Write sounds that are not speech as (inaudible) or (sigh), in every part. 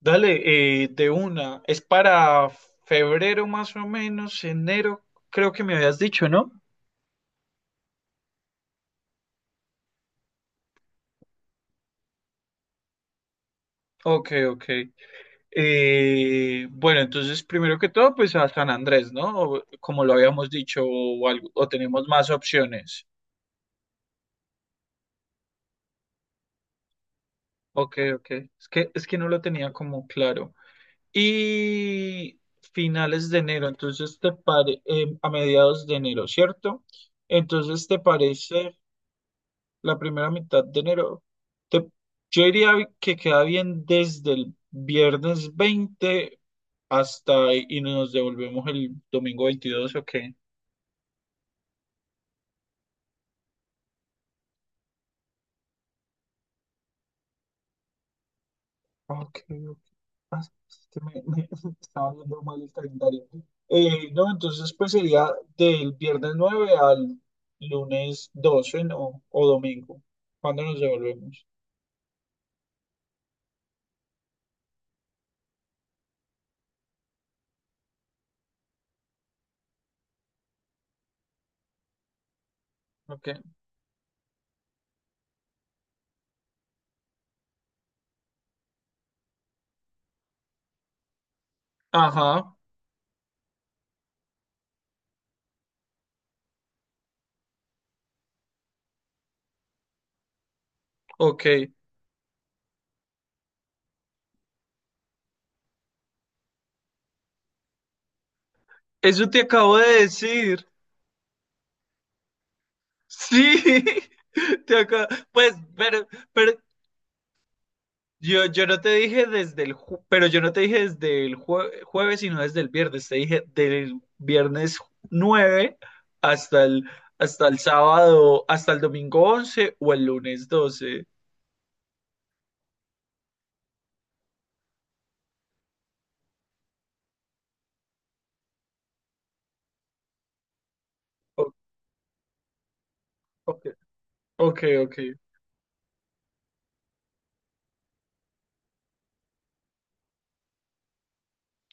Dale, de una. Es para febrero más o menos, enero, creo que me habías dicho, ¿no? Ok, ok. Bueno, entonces primero que todo, pues a San Andrés, ¿no? Como lo habíamos dicho, o tenemos más opciones. Ok, ok. Es que no lo tenía como claro. Y finales de enero, entonces a mediados de enero, ¿cierto? Entonces, ¿te parece? La primera mitad de enero. Te- yo diría que queda bien desde el viernes 20 hasta y nos devolvemos el domingo 22, ¿ok? Ok, ok. Ah, es que me (laughs) estaba viendo mal el calendario. No, entonces pues sería del viernes 9 al lunes 12, ¿no? O domingo. ¿Cuándo nos devolvemos? Ok. Ajá, ok. Eso te acabo de decir. Sí, (laughs) pues, pero yo no te dije pero yo no te dije desde el jueves, sino desde el viernes. Te dije del viernes 9 hasta el, hasta el sábado, hasta el domingo 11 o el lunes 12. O- ok, ok, ok.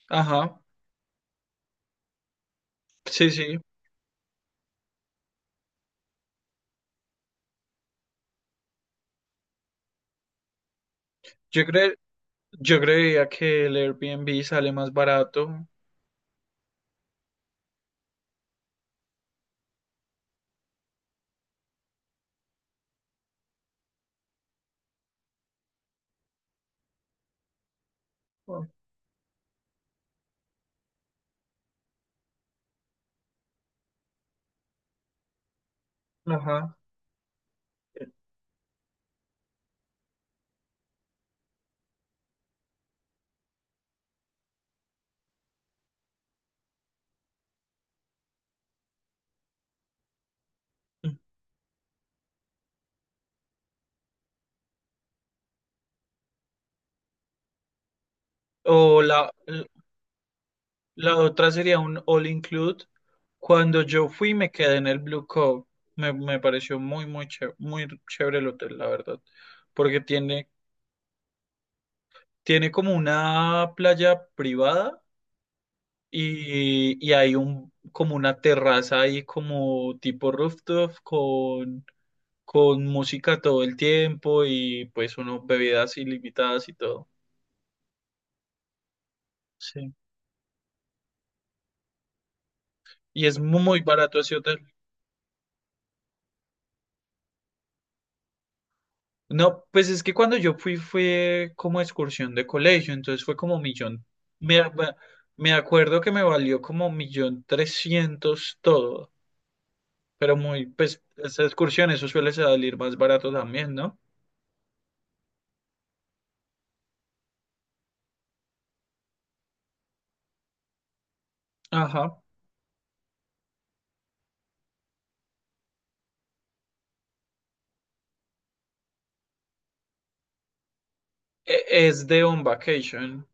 Ajá, sí, sí. Yo cre, yo creía que el Airbnb sale más barato. Ajá. O la otra sería un all include. Cuando yo fui me quedé en el Blue Cove. Me pareció muy, muy chévere el hotel, la verdad. Porque tiene como una playa privada y hay como una terraza ahí como tipo rooftop con música todo el tiempo y pues unas bebidas ilimitadas y todo. Sí. Y es muy barato ese hotel. No, pues es que cuando yo fui fue como excursión de colegio, entonces fue como millón. Me, me me acuerdo que me valió como millón trescientos todo, pero pues esa excursión, eso suele salir más barato también, ¿no? Ajá. Es de On Vacation.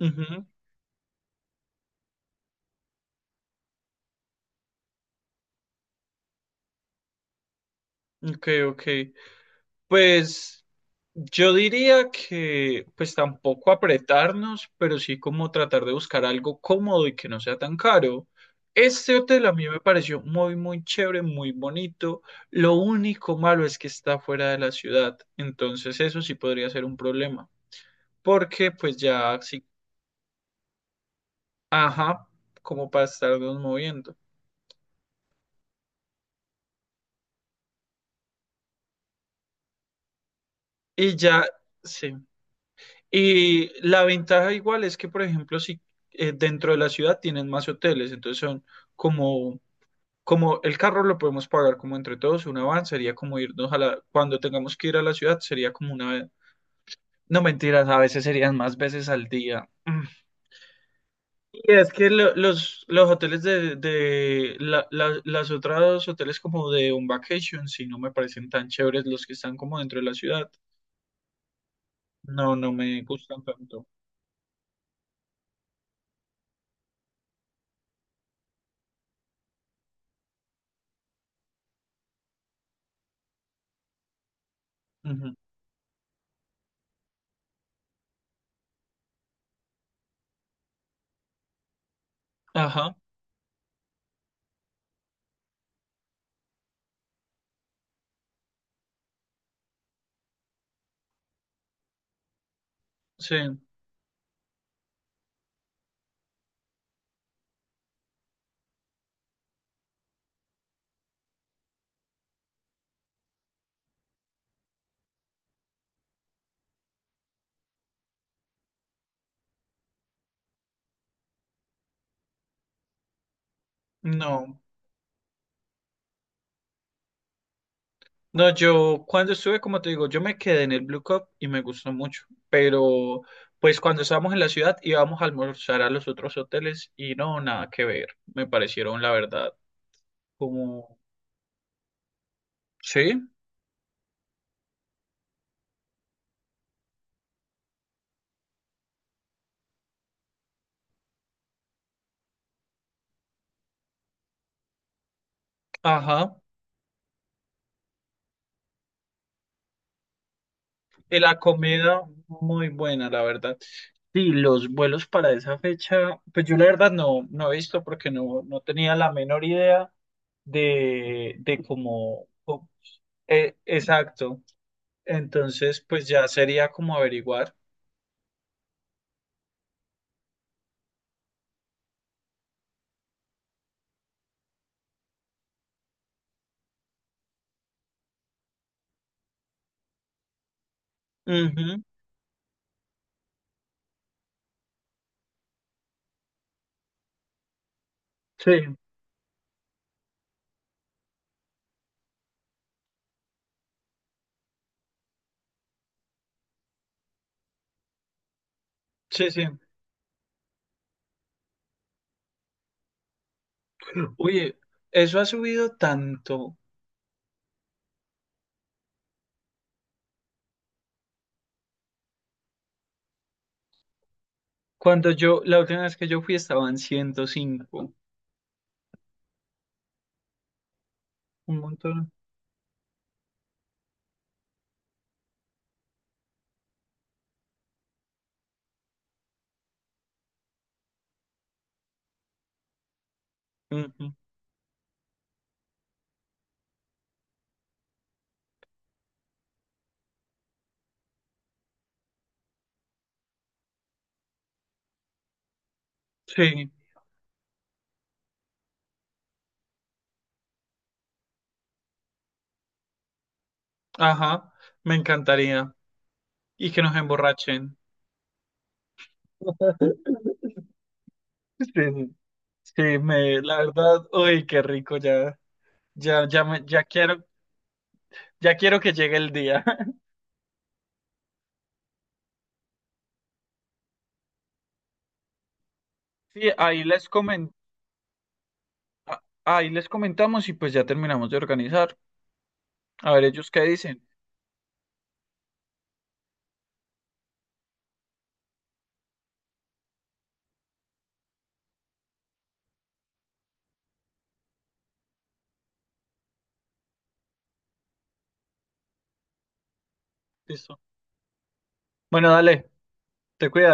Ujú. Ok, ok. Pues yo diría que pues tampoco apretarnos, pero sí como tratar de buscar algo cómodo y que no sea tan caro. Este hotel a mí me pareció muy, muy chévere, muy bonito. Lo único malo es que está fuera de la ciudad, entonces eso sí podría ser un problema, porque pues ya sí, ajá, como para estarnos moviendo. Y ya, sí. Y la ventaja igual es que, por ejemplo, si dentro de la ciudad tienen más hoteles, entonces son como, como el carro lo podemos pagar como entre todos, una van sería como irnos a la, cuando tengamos que ir a la ciudad sería como una, no mentiras, a veces serían más veces al día. Mm. Y es que los hoteles de las otras hoteles como de un vacation, si no me parecen tan chéveres los que están como dentro de la ciudad. No, no me gustan tanto. Ujú. Ajá, sí, no. No, yo cuando estuve, como te digo, yo me quedé en el Blue Cup y me gustó mucho, pero pues cuando estábamos en la ciudad íbamos a almorzar a los otros hoteles y no, nada que ver, me parecieron la verdad como, sí, ajá, y la comida muy buena, la verdad. Sí, los vuelos para esa fecha, pues yo la verdad no he visto porque no tenía la menor idea de exacto, entonces pues ya sería como averiguar. Ujú. Sí, sí, sí. Oye, eso ha subido tanto. La última vez que yo fui estaban 105. Un montón. Ujú. Sí, ajá. Me encantaría. Y que nos emborrachen. (laughs) Sí, sí, sí, la verdad, uy, qué rico ya. Ya, ya me, ya quiero, ya quiero que llegue el día. (laughs) Sí, ahí les comentamos y pues ya terminamos de organizar. A ver ellos qué dicen. Listo. Bueno, dale, te cuidas.